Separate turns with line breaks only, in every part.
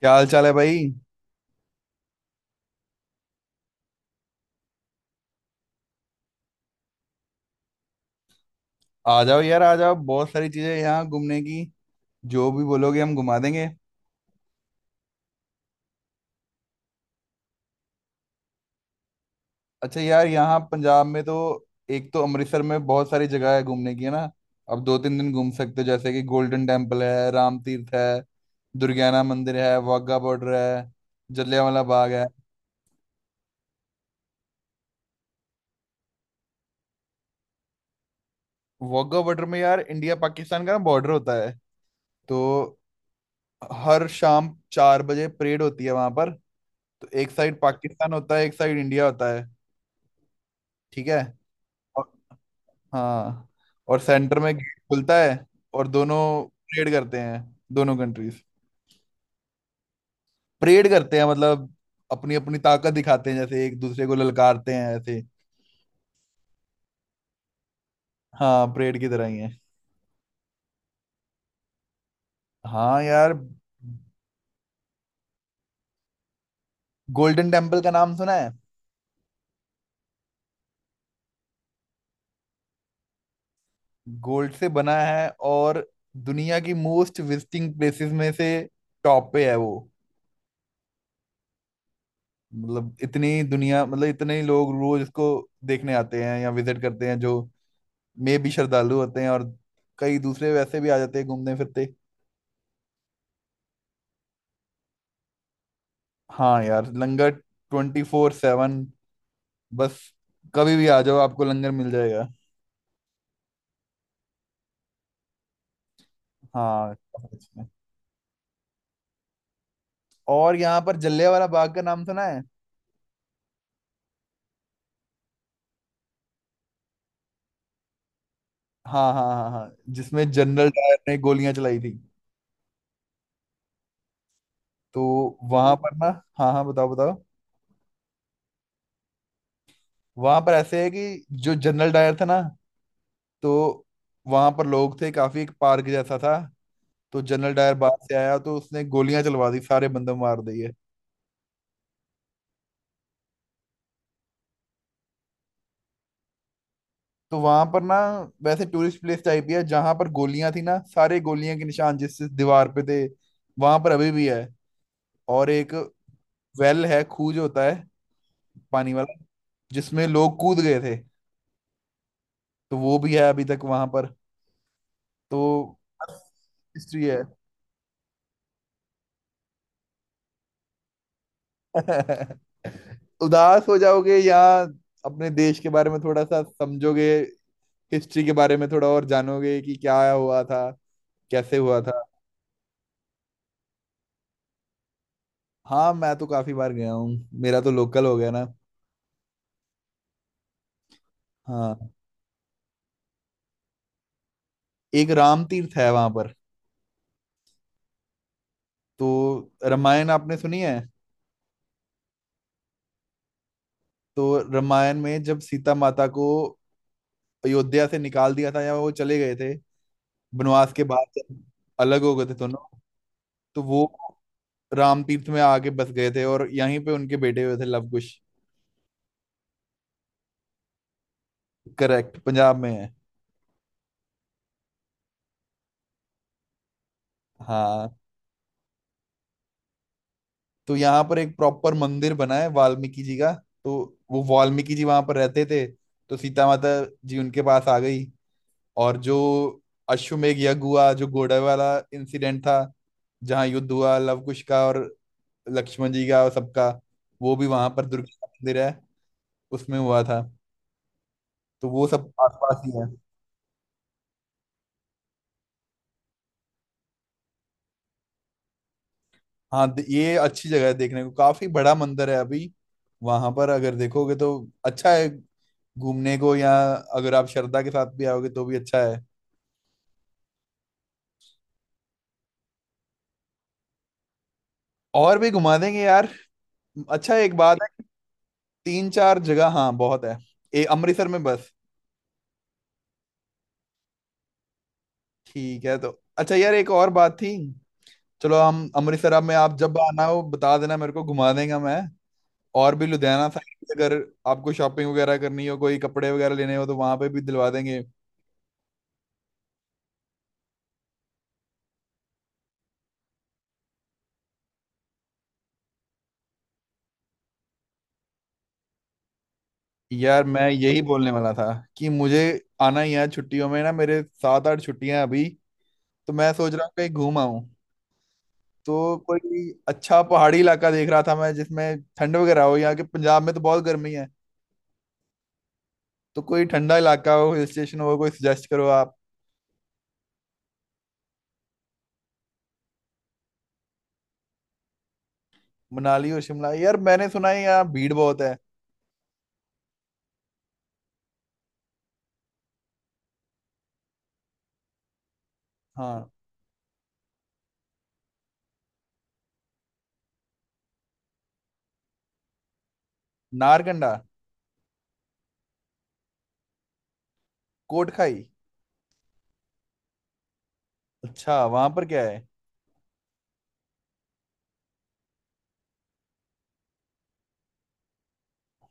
क्या हाल चाल है भाई। आ जाओ यार, आ जाओ, बहुत सारी चीजें यहाँ घूमने की, जो भी बोलोगे हम घुमा देंगे। अच्छा यार, यहाँ पंजाब में तो एक तो अमृतसर में बहुत सारी जगह है घूमने की, है ना। अब 2-3 दिन घूम सकते हो, जैसे कि गोल्डन टेम्पल है, राम तीर्थ है, दुर्गियाना मंदिर है, वाघा बॉर्डर है, जलियांवाला बाग है। वाघा बॉर्डर में यार इंडिया पाकिस्तान का ना बॉर्डर होता है। तो हर शाम 4 बजे परेड होती है वहां पर। तो एक साइड पाकिस्तान होता है, एक साइड इंडिया होता है। ठीक है। हाँ, और सेंटर में गेट खुलता है, और दोनों परेड करते हैं, दोनों कंट्रीज। परेड करते हैं मतलब अपनी अपनी ताकत दिखाते हैं, जैसे एक दूसरे को ललकारते हैं ऐसे। हाँ, परेड की तरह ही है। हाँ यार। गोल्डन टेम्पल का नाम सुना है। गोल्ड से बना है, और दुनिया की मोस्ट विजिटिंग प्लेसेस में से टॉप पे है वो। मतलब इतनी दुनिया, मतलब इतने ही लोग रोज इसको देखने आते हैं या विजिट करते हैं, जो में भी श्रद्धालु होते हैं और कई दूसरे वैसे भी आ जाते हैं घूमने फिरते। हाँ यार, लंगर 24/7, बस कभी भी आ जाओ, आपको लंगर मिल जाएगा। हाँ, काफी अच्छा है। और यहाँ पर जलियांवाला बाग का नाम सुना है। हाँ हाँ हाँ हाँ, जिसमें जनरल डायर ने गोलियां चलाई थी। तो वहां पर ना, हाँ हाँ, बताओ बताओ। वहां पर ऐसे है कि जो जनरल डायर था ना, तो वहां पर लोग थे काफी, एक पार्क जैसा था। तो जनरल डायर बाहर से आया तो उसने गोलियां चलवा दी, सारे बंदे मार दिए। तो वहां पर ना वैसे टूरिस्ट प्लेस टाइप ही है, जहां पर गोलियां थी ना, सारे गोलियां के निशान जिस जिस दीवार पे थे, वहां पर अभी भी है। और एक वेल है, खूह जो होता है पानी वाला, जिसमें लोग कूद गए थे, तो वो भी है अभी तक वहां पर। तो हिस्ट्री है। उदास हो जाओगे, या अपने देश के बारे में थोड़ा सा समझोगे, हिस्ट्री के बारे में थोड़ा और जानोगे कि क्या हुआ था, कैसे हुआ था। हाँ, मैं तो काफी बार गया हूँ, मेरा तो लोकल हो गया ना। हाँ। एक राम तीर्थ है वहां पर। तो रामायण आपने सुनी है। तो रामायण में जब सीता माता को अयोध्या से निकाल दिया था या वो चले गए थे वनवास के बाद, जब अलग हो गए थे दोनों, तो वो राम तीर्थ में आके बस गए थे और यहीं पे उनके बेटे हुए थे, लवकुश। करेक्ट, पंजाब में है। हाँ। तो यहाँ पर एक प्रॉपर मंदिर बना है वाल्मीकि जी का। तो वो वाल्मीकि जी वहां पर रहते थे, तो सीता माता जी उनके पास आ गई। और जो अश्वमेध यज्ञ हुआ, जो घोड़े वाला इंसिडेंट था, जहाँ युद्ध हुआ लवकुश का और लक्ष्मण जी का और सबका, वो भी वहां पर दुर्गा का मंदिर है, उसमें हुआ था। तो वो सब आसपास ही है। हाँ ये अच्छी जगह है देखने को, काफी बड़ा मंदिर है अभी। वहां पर अगर देखोगे तो अच्छा है घूमने को, या अगर आप श्रद्धा के साथ भी आओगे तो भी अच्छा है। और भी घुमा देंगे यार। अच्छा, एक बात है। तीन चार जगह हाँ, बहुत है ए अमृतसर में बस। ठीक है तो, अच्छा यार, एक और बात थी। चलो, हम अमृतसर में आप जब आना हो बता देना, मेरे को घुमा देंगे मैं। और भी लुधियाना साइड भी अगर आपको शॉपिंग वगैरह करनी हो, कोई कपड़े वगैरह लेने हो, तो वहां पे भी दिलवा देंगे। यार मैं यही बोलने वाला था कि मुझे आना ही है छुट्टियों में ना, मेरे 7-8 छुट्टियां हैं अभी। तो मैं सोच रहा हूँ कहीं घूम आऊं। तो कोई अच्छा पहाड़ी इलाका देख रहा था मैं, जिसमें ठंड वगैरह हो, यहाँ के पंजाब में तो बहुत गर्मी है। तो कोई ठंडा इलाका हो, हिल स्टेशन हो, कोई सजेस्ट करो आप। मनाली और शिमला, यार मैंने सुना है यहाँ भीड़ बहुत है। हाँ। नारकंडा। कोटखाई। अच्छा, वहां पर क्या है।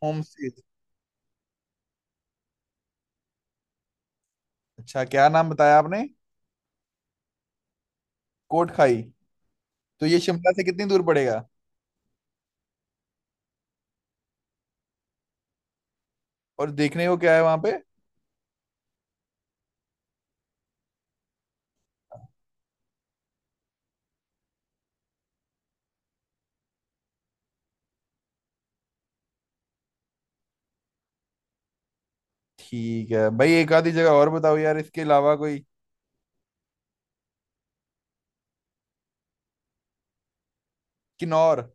Home stay. अच्छा, क्या नाम बताया आपने। कोटखाई। तो ये शिमला से कितनी दूर पड़ेगा। और देखने को क्या है वहां पे। ठीक है भाई, एक आधी जगह और बताओ यार इसके अलावा कोई। किन्नौर।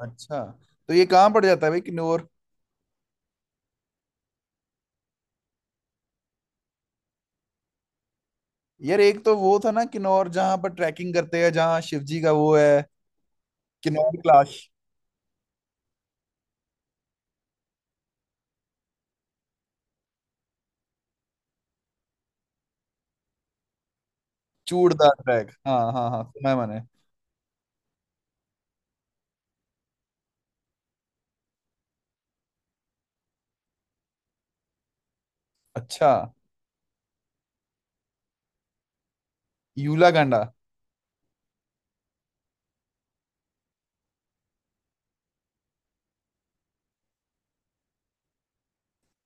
अच्छा, तो ये कहाँ पड़ जाता है भाई किन्नौर। यार एक तो वो था ना किन्नौर, जहाँ पर ट्रैकिंग करते हैं, जहाँ शिव जी का वो है, किन्नौर क्लास। चूड़दार ट्रैक, हाँ हाँ हाँ, सुना है मैंने। अच्छा। यूला कांडा।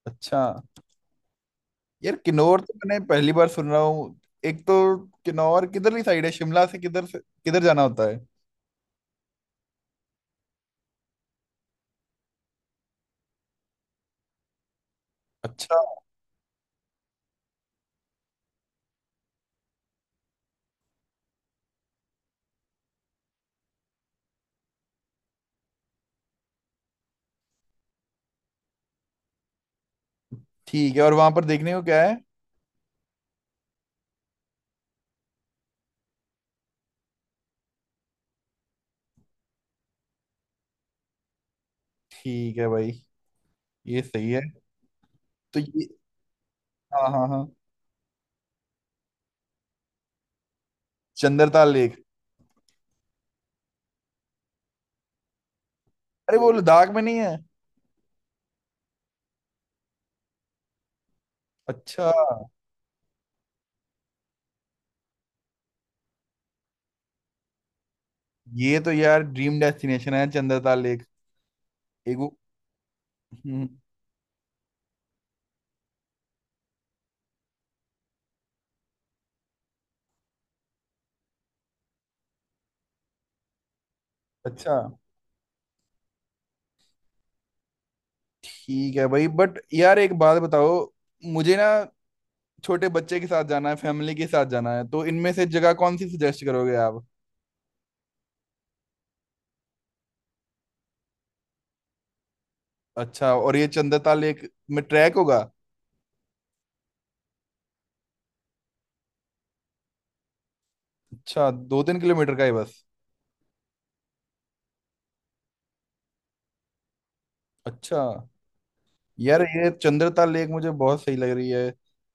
अच्छा यार, किन्नौर तो मैंने पहली बार सुन रहा हूँ। एक तो किन्नौर किधरली साइड है शिमला से, किधर से किधर जाना होता है। अच्छा। ठीक है, और वहां पर देखने को क्या है। ठीक है भाई, ये सही है। तो ये, हाँ हाँ हाँ। चंद्रताल लेक। अरे वो लद्दाख में नहीं है। अच्छा। ये तो यार ड्रीम डेस्टिनेशन है, चंद्रताल लेक। एक वो, हम्म, अच्छा। ठीक है भाई, बट यार एक बात बताओ। मुझे ना छोटे बच्चे के साथ जाना है, फैमिली के साथ जाना है, तो इनमें से जगह कौन सी सजेस्ट करोगे आप। अच्छा, और ये चंद्रता लेक में ट्रैक होगा। अच्छा, 2-3 किलोमीटर का है बस। अच्छा यार, ये चंद्रता लेक मुझे बहुत सही लग रही है।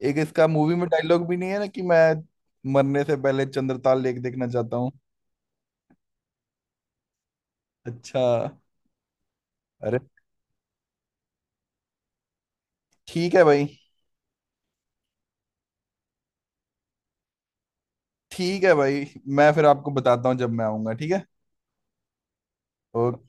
एक इसका मूवी में डायलॉग भी नहीं है ना, कि मैं मरने से पहले चंद्रता लेक देखना चाहता हूँ। अच्छा। अरे, ठीक है भाई। ठीक है भाई, मैं फिर आपको बताता हूँ जब मैं आऊंगा, ठीक है। ओके।